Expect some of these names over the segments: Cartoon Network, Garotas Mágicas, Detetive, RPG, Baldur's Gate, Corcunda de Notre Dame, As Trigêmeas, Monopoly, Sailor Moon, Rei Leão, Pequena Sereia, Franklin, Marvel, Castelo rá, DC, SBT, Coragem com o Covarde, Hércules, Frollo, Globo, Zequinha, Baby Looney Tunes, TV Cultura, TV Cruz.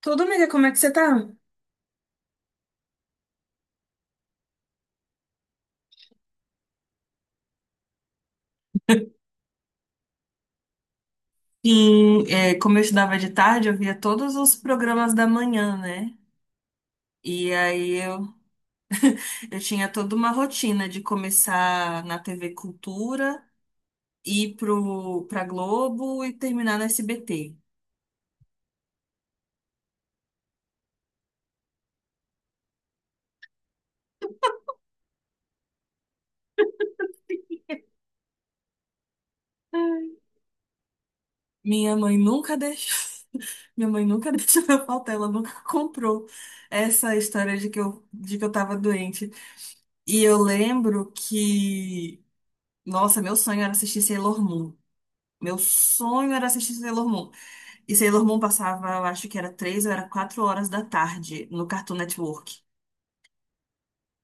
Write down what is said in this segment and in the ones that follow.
Tudo, amiga, como é que você tá? Sim, é, como eu estudava de tarde, eu via todos os programas da manhã, né? E aí eu tinha toda uma rotina de começar na TV Cultura, ir pra Globo e terminar no SBT. Minha mãe nunca deixou. Minha mãe nunca deixou eu faltar, ela nunca comprou essa história de que eu tava doente. E eu lembro que, nossa, meu sonho era assistir Sailor Moon. Meu sonho era assistir Sailor Moon. E Sailor Moon passava, eu acho que era 3 ou era 4 horas da tarde no Cartoon Network.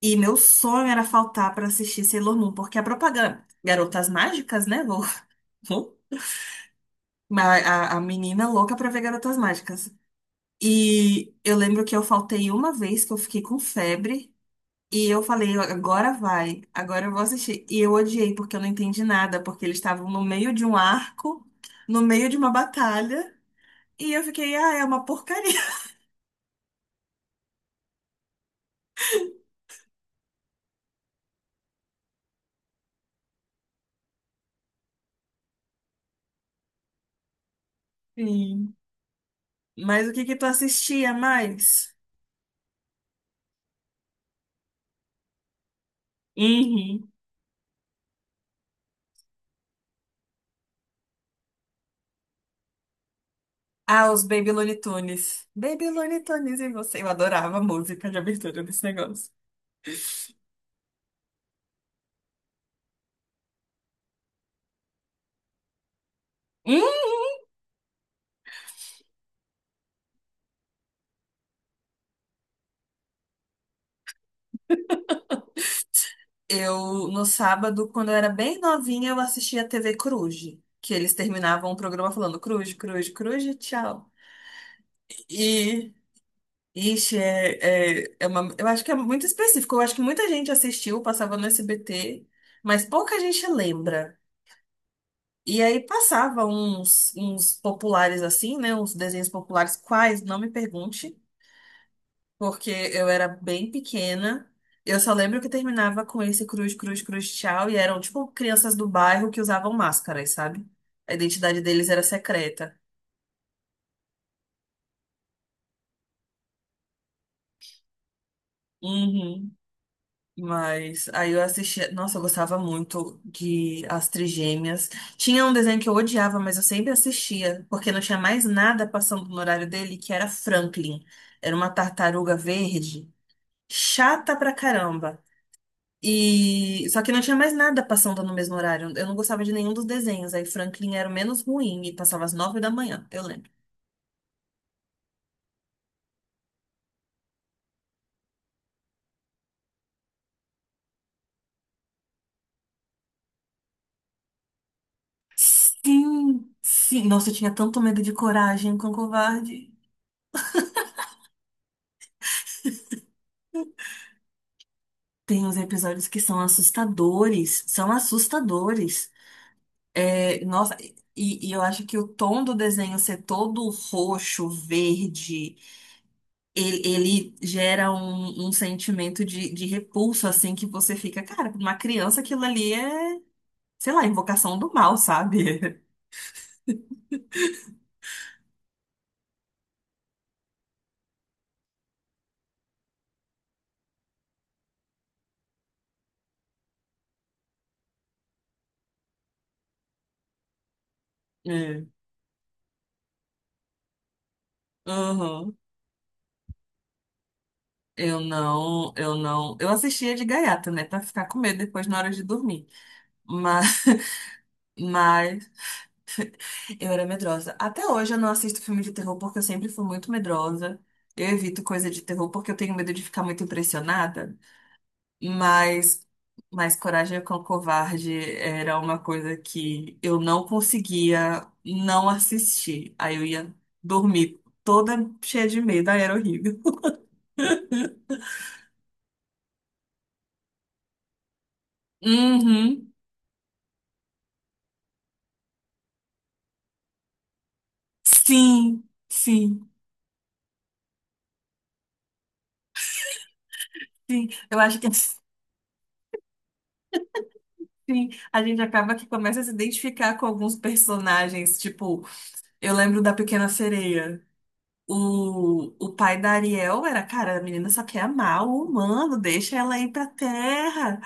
E meu sonho era faltar para assistir Sailor Moon, porque a propaganda, Garotas Mágicas, né? Vou- a, a menina louca pra ver Garotas Mágicas. E eu lembro que eu faltei uma vez que eu fiquei com febre. E eu falei, agora vai, agora eu vou assistir. E eu odiei, porque eu não entendi nada, porque eles estavam no meio de um arco, no meio de uma batalha. E eu fiquei, ah, é uma porcaria. Sim. Mas o que que tu assistia mais? Uhum. Ah, os Baby Looney Tunes. Baby Looney Tunes e você. Eu adorava a música de abertura desse negócio. Hum, no sábado, quando eu era bem novinha, eu assistia a TV Cruz, que eles terminavam o programa falando Cruz, Cruz, Cruz, e tchau. E, Ixi, é uma, eu acho que é muito específico. Eu acho que muita gente assistiu, passava no SBT, mas pouca gente lembra. E aí passava uns populares assim, né? Uns desenhos populares, quais, não me pergunte, porque eu era bem pequena. Eu só lembro que terminava com esse cruz, cruz, cruz, tchau, e eram tipo crianças do bairro que usavam máscaras, sabe? A identidade deles era secreta. Uhum. Mas aí eu assistia. Nossa, eu gostava muito de As Trigêmeas. Tinha um desenho que eu odiava, mas eu sempre assistia, porque não tinha mais nada passando no horário dele, que era Franklin. Era uma tartaruga verde, chata pra caramba. E só que não tinha mais nada passando no mesmo horário. Eu não gostava de nenhum dos desenhos. Aí Franklin era o menos ruim e passava às 9 da manhã, eu lembro. Sim, sim. Nossa, eu tinha tanto medo de Coragem com Covarde. Tem uns episódios que são assustadores, são assustadores. É, nossa, e eu acho que o tom do desenho ser todo roxo, verde, ele gera um sentimento de repulso, assim, que você fica, cara, pra uma criança aquilo ali é, sei lá, invocação do mal, sabe? É. Uhum. Eu não, eu não. Eu assistia de gaiata, né, pra ficar com medo depois na hora de dormir. Mas. Mas eu era medrosa. Até hoje eu não assisto filme de terror porque eu sempre fui muito medrosa. Eu evito coisa de terror porque eu tenho medo de ficar muito impressionada. Mas, mas Coragem com o Covarde era uma coisa que eu não conseguia não assistir. Aí eu ia dormir toda cheia de medo. Aí era horrível. Uhum. Sim, sim, sim. Eu acho que sim, a gente acaba que começa a se identificar com alguns personagens, tipo, eu lembro da Pequena Sereia. O pai da Ariel era, cara, a menina só quer amar o humano, deixa ela ir pra terra.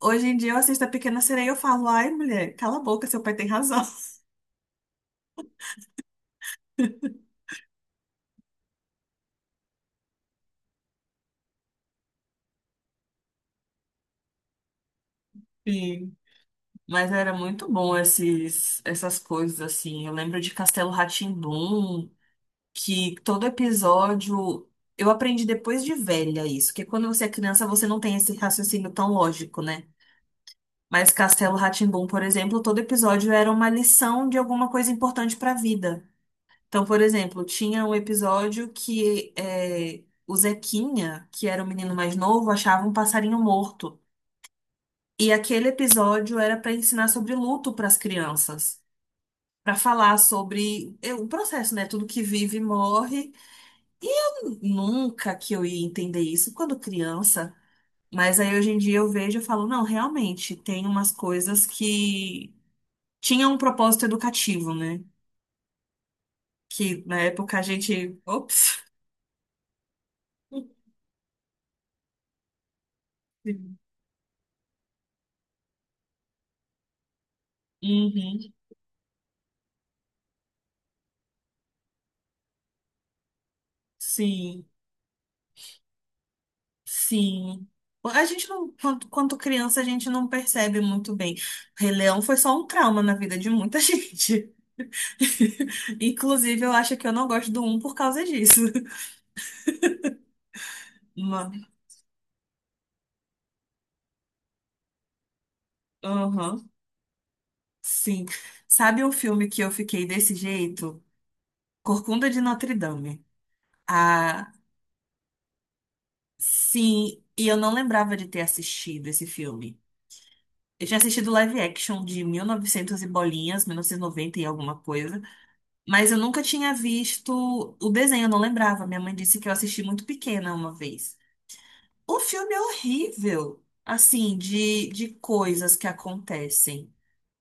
Hoje em dia eu assisto a Pequena Sereia e eu falo, ai, mulher, cala a boca, seu pai tem razão. Sim. Mas era muito bom essas coisas, assim. Eu lembro de Castelo Rá que todo episódio. Eu aprendi depois de velha isso, que quando você é criança você não tem esse raciocínio tão lógico, né? Mas Castelo Rá por exemplo, todo episódio era uma lição de alguma coisa importante para a vida. Então, por exemplo, tinha um episódio que é, o Zequinha, que era o menino mais novo, achava um passarinho morto. E aquele episódio era para ensinar sobre luto para as crianças, para falar sobre o processo, né? Tudo que vive morre. E eu nunca que eu ia entender isso quando criança. Mas aí hoje em dia eu vejo e falo, não, realmente, tem umas coisas que tinha um propósito educativo, né? Que na época a gente. Ops! Uhum. Sim, sim. A gente não, quanto criança, a gente não percebe muito bem. Rei Leão foi só um trauma na vida de muita gente. Inclusive, eu acho que eu não gosto do um por causa disso. Ma- Aham, sim. Sabe um filme que eu fiquei desse jeito? Corcunda de Notre Dame. Ah, sim. E eu não lembrava de ter assistido esse filme. Eu tinha assistido live action de 1900 e novecentos e bolinhas, 1990 e noventa e alguma coisa, mas eu nunca tinha visto o desenho, eu não lembrava. Minha mãe disse que eu assisti muito pequena uma vez. O filme é horrível, assim, de coisas que acontecem.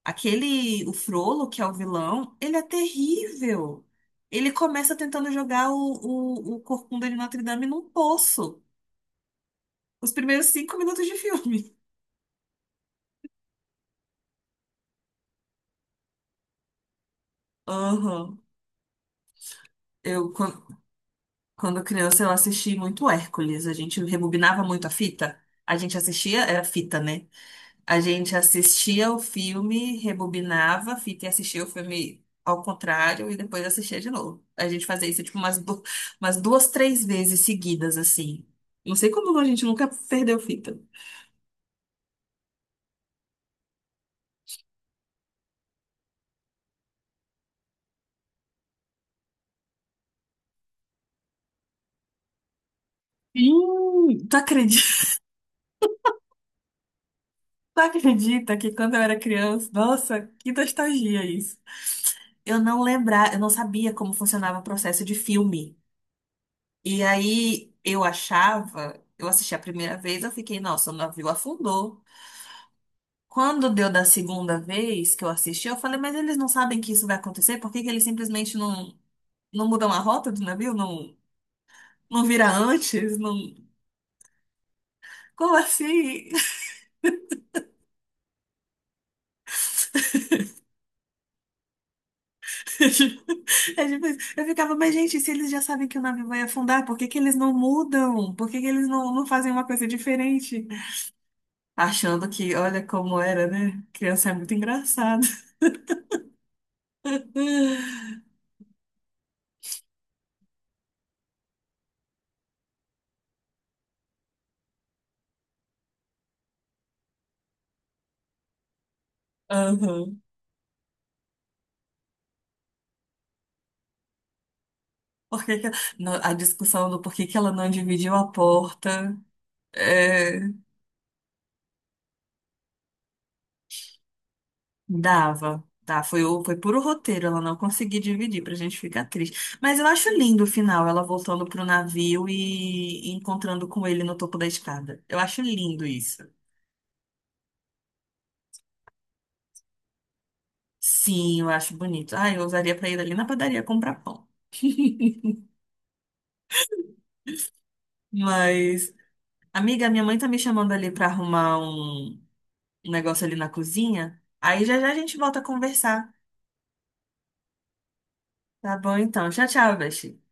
Aquele, o Frollo, que é o vilão, ele é terrível. Ele começa tentando jogar o corcunda de Notre Dame num poço. Os primeiros 5 minutos de filme. Aham. Eu, Quando criança, eu assisti muito Hércules. A gente rebobinava muito a fita. A gente assistia, era fita, né? A gente assistia o filme, rebobinava a fita e assistia o filme ao contrário e depois assistia de novo. A gente fazia isso, tipo, umas duas, três vezes seguidas, assim. Não sei como a gente nunca perdeu fita. Ih, tu acredita? Tu acredita que quando eu era criança, nossa, que nostalgia isso. Eu não lembrava, eu não sabia como funcionava o processo de filme. E aí eu achava, eu assisti a primeira vez, eu fiquei, nossa, o navio afundou. Quando deu da segunda vez que eu assisti, eu falei, mas eles não sabem que isso vai acontecer? Por que que eles simplesmente não mudam a rota do navio? Não, não vira antes? Não. Como assim? É tipo isso. Eu ficava, mas gente, se eles já sabem que o navio vai afundar, por que que eles não mudam? Por que que eles não fazem uma coisa diferente? Achando que, olha como era, né? Criança é muito engraçada. Aham. Por que que- no- A discussão do porquê que ela não dividiu a porta é, dava. Tá, foi puro roteiro, ela não conseguiu dividir pra gente ficar triste. Mas eu acho lindo o final, ela voltando pro navio e encontrando com ele no topo da escada. Eu acho lindo isso. Sim, eu acho bonito. Ah, eu usaria pra ir ali na padaria comprar pão. Mas, amiga, minha mãe tá me chamando ali pra arrumar um negócio ali na cozinha. Aí já já a gente volta a conversar. Tá bom, então. Tchau, tchau, Beth.